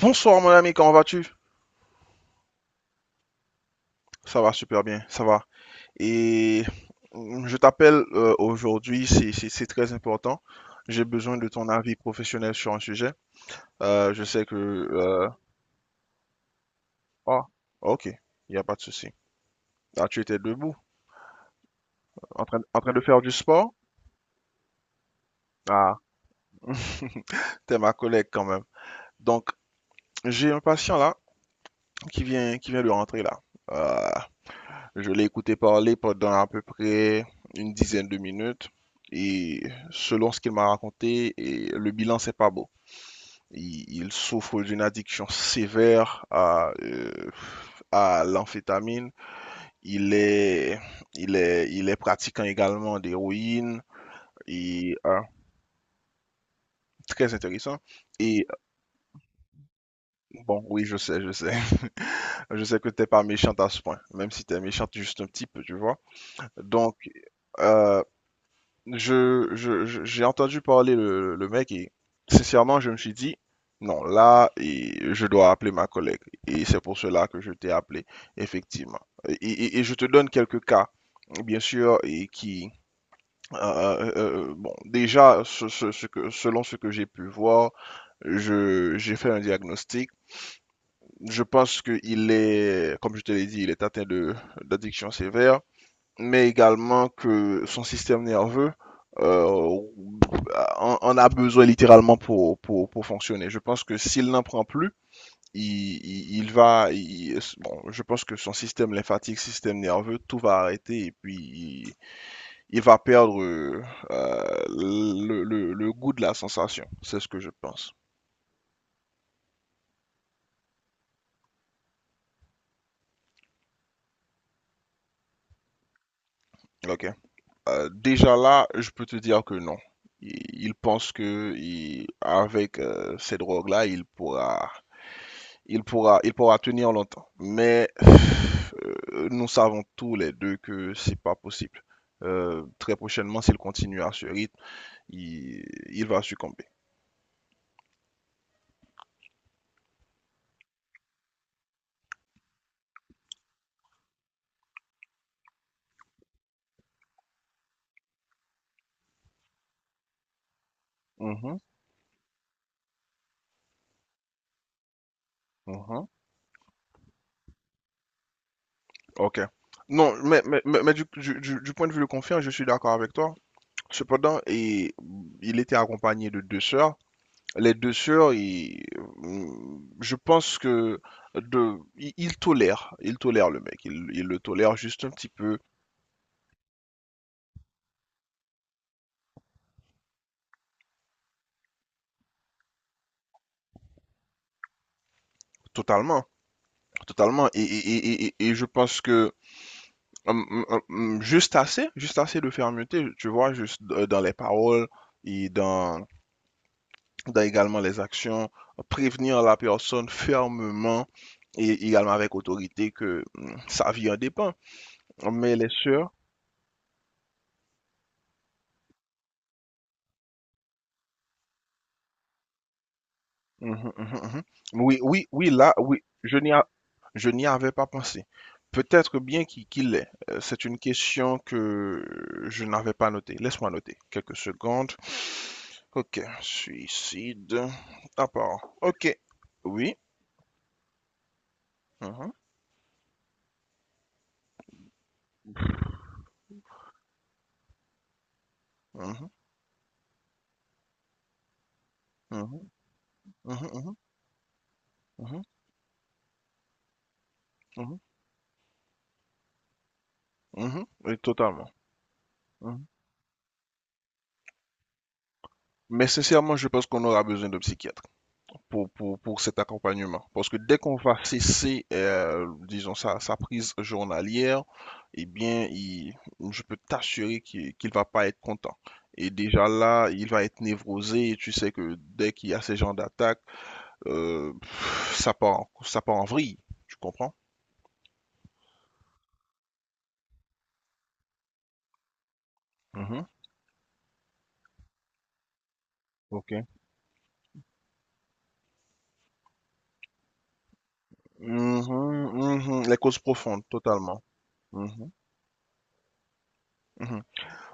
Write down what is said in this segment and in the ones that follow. Bonsoir mon ami, comment vas-tu? Ça va super bien, ça va. Et je t'appelle aujourd'hui, c'est très important. J'ai besoin de ton avis professionnel sur un sujet. Je sais que. Ah, ok, il n'y a pas de souci. Ah, tu étais debout, en train de faire du sport? Ah, t'es ma collègue quand même. Donc, j'ai un patient là qui vient de rentrer là. Euh, Je l'ai écouté parler pendant à peu près une dizaine de minutes et selon ce qu'il m'a raconté, et le bilan c'est pas beau. Il souffre d'une addiction sévère à l'amphétamine. Il est, il est pratiquant également d'héroïne et très intéressant. Et bon, oui, je sais, je sais. Je sais que t'es pas méchante à ce point, même si t'es méchante juste un petit peu, tu vois. Donc, euh, j'ai entendu parler le mec et sincèrement, je me suis dit, non, là, et je dois appeler ma collègue. Et c'est pour cela que je t'ai appelé, effectivement. Et je te donne quelques cas, bien sûr, et qui, euh, euh, bon, déjà, ce que, selon ce que j'ai pu voir, j'ai fait un diagnostic. Je pense qu'il est, comme je te l'ai dit, il est atteint de, d'addiction sévère mais également que son système nerveux euh, en a besoin littéralement pour fonctionner. Je pense que s'il n'en prend plus, bon, je pense que son système lymphatique, système nerveux, tout va arrêter et puis il va perdre le goût de la sensation. C'est ce que je pense. Ok. Déjà là, je peux te dire que non. Il pense que avec ces drogues-là, il pourra tenir longtemps. Mais nous savons tous les deux que c'est pas possible. Très prochainement, s'il continue à ce rythme, il, il va succomber. Mhm, mhm. Ok. Non, mais du point de vue de confirme, je suis d'accord avec toi. Cependant, et, il était accompagné de deux sœurs. Les deux sœurs, je pense que de, ils, ils tolèrent le mec. Ils le tolèrent juste un petit peu, totalement. Totalement. Et je pense que juste assez de fermeté, tu vois, dans les paroles et dans également les actions, prévenir la personne fermement et également avec autorité que sa vie en dépend. Mais les sœurs, mhm, mhm, mhm. Oui, oui, oui, là, oui, je n'y avais pas pensé. Peut-être bien qu'il l'est. C'est une question que je n'avais pas notée. Laisse-moi noter quelques secondes. Ok, suicide. À part. Ok, oui. Mhm, mhm, mhm, mhm, mhm, mhm, mhm, mhm, mhm. Oui, totalement. Mhm. Mais sincèrement, je pense qu'on aura besoin de psychiatre pour cet accompagnement. Parce que dès qu'on va cesser, disons, sa prise journalière, eh bien, je peux t'assurer qu'il qu'il va pas être content. Et déjà là, il va être névrosé. Et tu sais que dès qu'il y a ces genres d'attaques, pff, ça part, ça part en vrille, tu comprends? Mhm. Ok. Mhm, mhm, les causes profondes, totalement. Mhm, mhm.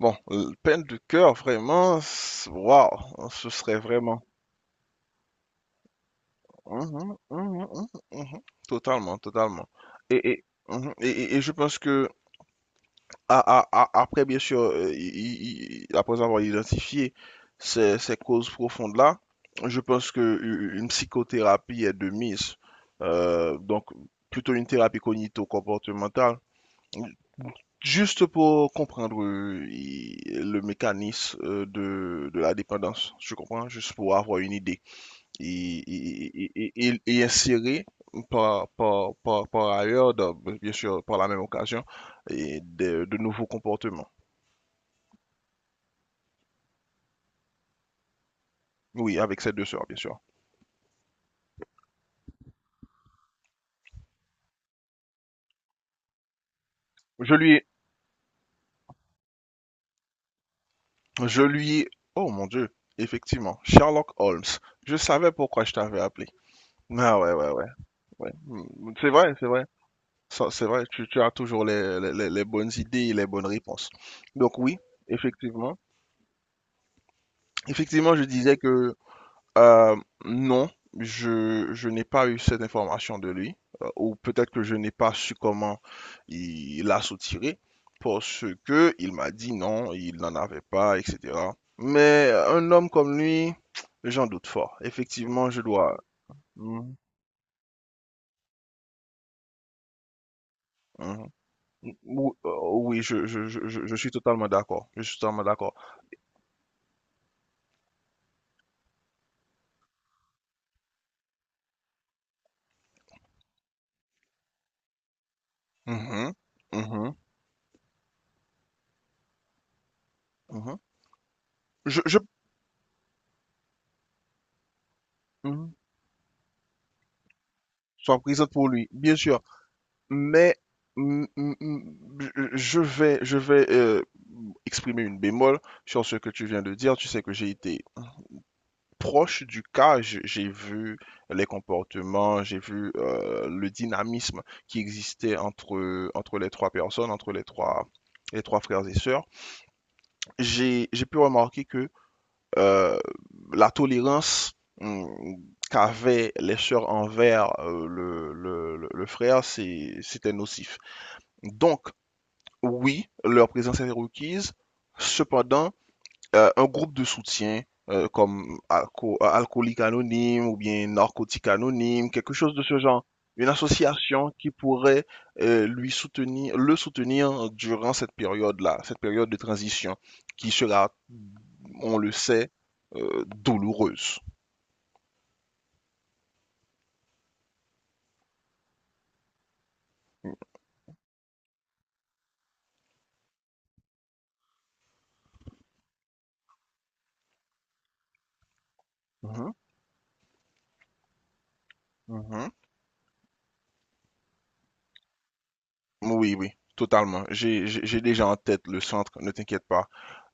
Bon, peine de cœur, vraiment, waouh, ce serait vraiment. Mhm, mhm, mhm, mhm. Totalement, totalement. Et je pense que après, bien sûr, après avoir identifié ces causes profondes-là, je pense qu'une psychothérapie est de mise. Donc, plutôt une thérapie cognito-comportementale, juste pour comprendre le mécanisme de la dépendance, je comprends, juste pour avoir une idée et insérer par ailleurs, bien sûr, par la même occasion, et de nouveaux comportements. Oui, avec ses deux sœurs, bien sûr. Je lui, je lui, oh mon Dieu, effectivement, Sherlock Holmes. Je savais pourquoi je t'avais appelé. Ah ouais, ouais, ouais, ouais. C'est vrai, c'est vrai. Ça, c'est vrai, tu as toujours les bonnes idées et les bonnes réponses. Donc oui, effectivement. Effectivement, je disais que Euh, non, je n'ai pas eu cette information de lui, ou peut-être que je n'ai pas su comment il l'a soutiré, parce que il m'a dit non, il n'en avait pas, etc. Mais un homme comme lui, j'en doute fort. Effectivement, je dois. Mhm, mhm. Oui, je suis totalement d'accord. Je suis totalement d'accord. Mhm, mhm, mhm. Je, je, mhm. Sois présente pour lui, bien sûr. Mais je vais exprimer une bémol sur ce que tu viens de dire. Tu sais que j'ai été proche du cas, j'ai vu les comportements, j'ai vu le dynamisme qui existait entre les trois personnes, entre les trois frères et sœurs. J'ai pu remarquer que euh, la tolérance mm, qu'avaient les sœurs envers le frère, c'était nocif. Donc, oui, leur présence est requise. Cependant, un groupe de soutien comme alcoolique anonyme ou bien narcotique anonyme, quelque chose de ce genre, une association qui pourrait le soutenir durant cette période-là, cette période de transition qui sera, on le sait, douloureuse. Mhm, mhm. Oui, oui, totalement. J'ai déjà en tête le centre, ne t'inquiète pas.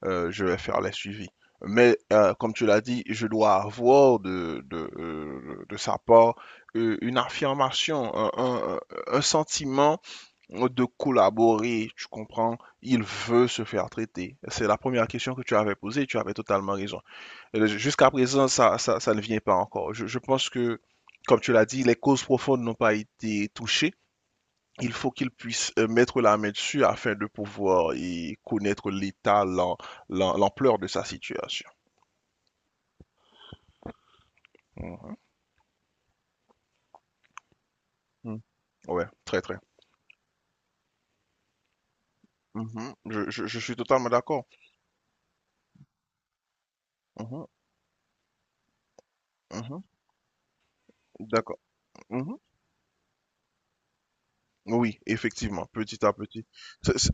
Je vais faire les suivis. Mais comme tu l'as dit, je dois avoir de sa part une affirmation, un sentiment de collaborer, tu comprends? Il veut se faire traiter. C'est la première question que tu avais posée, tu avais totalement raison. Jusqu'à présent, ça ne vient pas encore. Je pense que, comme tu l'as dit, les causes profondes n'ont pas été touchées. Il faut qu'ils puissent mettre la main dessus afin de pouvoir y connaître l'état, l'ampleur de sa situation. Mhm. Mhm. Ouais, très très. Mhm. Je suis totalement d'accord. Mhm. Mhm. D'accord. Mhm. Oui, effectivement, petit à petit. C'est- c'est-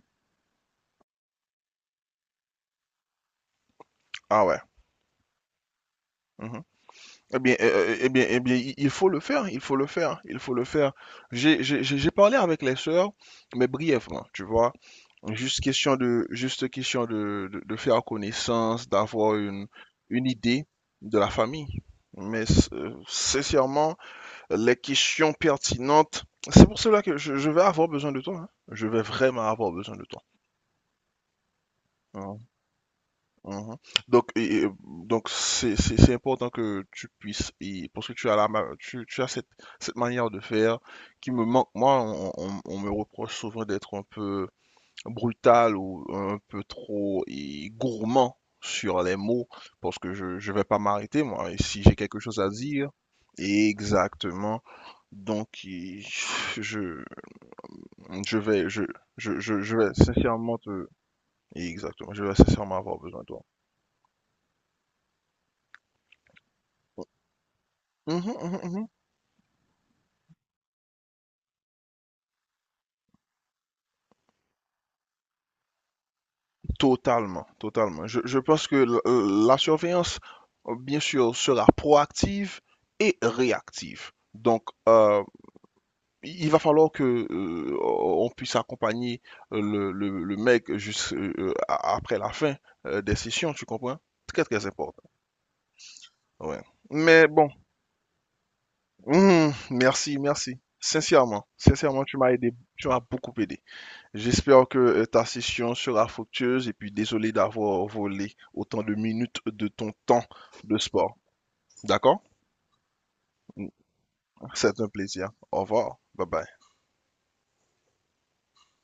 Ah ouais. Mhm. Eh bien, eh eh bien, il faut le faire, il faut le faire, il faut le faire. J'ai parlé avec les sœurs, mais brièvement, tu vois. Juste question de faire connaissance, d'avoir une idée de la famille. Mais sincèrement, les questions pertinentes, c'est pour cela que je vais avoir besoin de toi. Hein. Je vais vraiment avoir besoin de toi. Hein. Mhm. Donc, donc c'est important que tu puisses, et, parce que tu as, la, ma- tu as cette manière de faire qui me manque. Moi, on me reproche souvent d'être un peu brutal ou un peu trop et, gourmand sur les mots, parce que je ne vais pas m'arrêter, moi. Et si j'ai quelque chose à dire, exactement. Donc, je, je vais, je, je vais sincèrement te. Exactement, je vais sincèrement avoir besoin de toi. Mhm, mhm, mhm. Totalement, totalement. Je pense que la surveillance, bien sûr, sera proactive et réactive. Donc, il va falloir que on puisse accompagner le mec juste après la fin des sessions, tu comprends? Très, très important. Ouais. Mais bon, merci, merci. Sincèrement, sincèrement, tu m'as aidé, tu m'as beaucoup aidé. J'espère que ta session sera fructueuse et puis désolé d'avoir volé autant de minutes de ton temps de sport. D'accord? C'est un plaisir. Au revoir. Bye bye.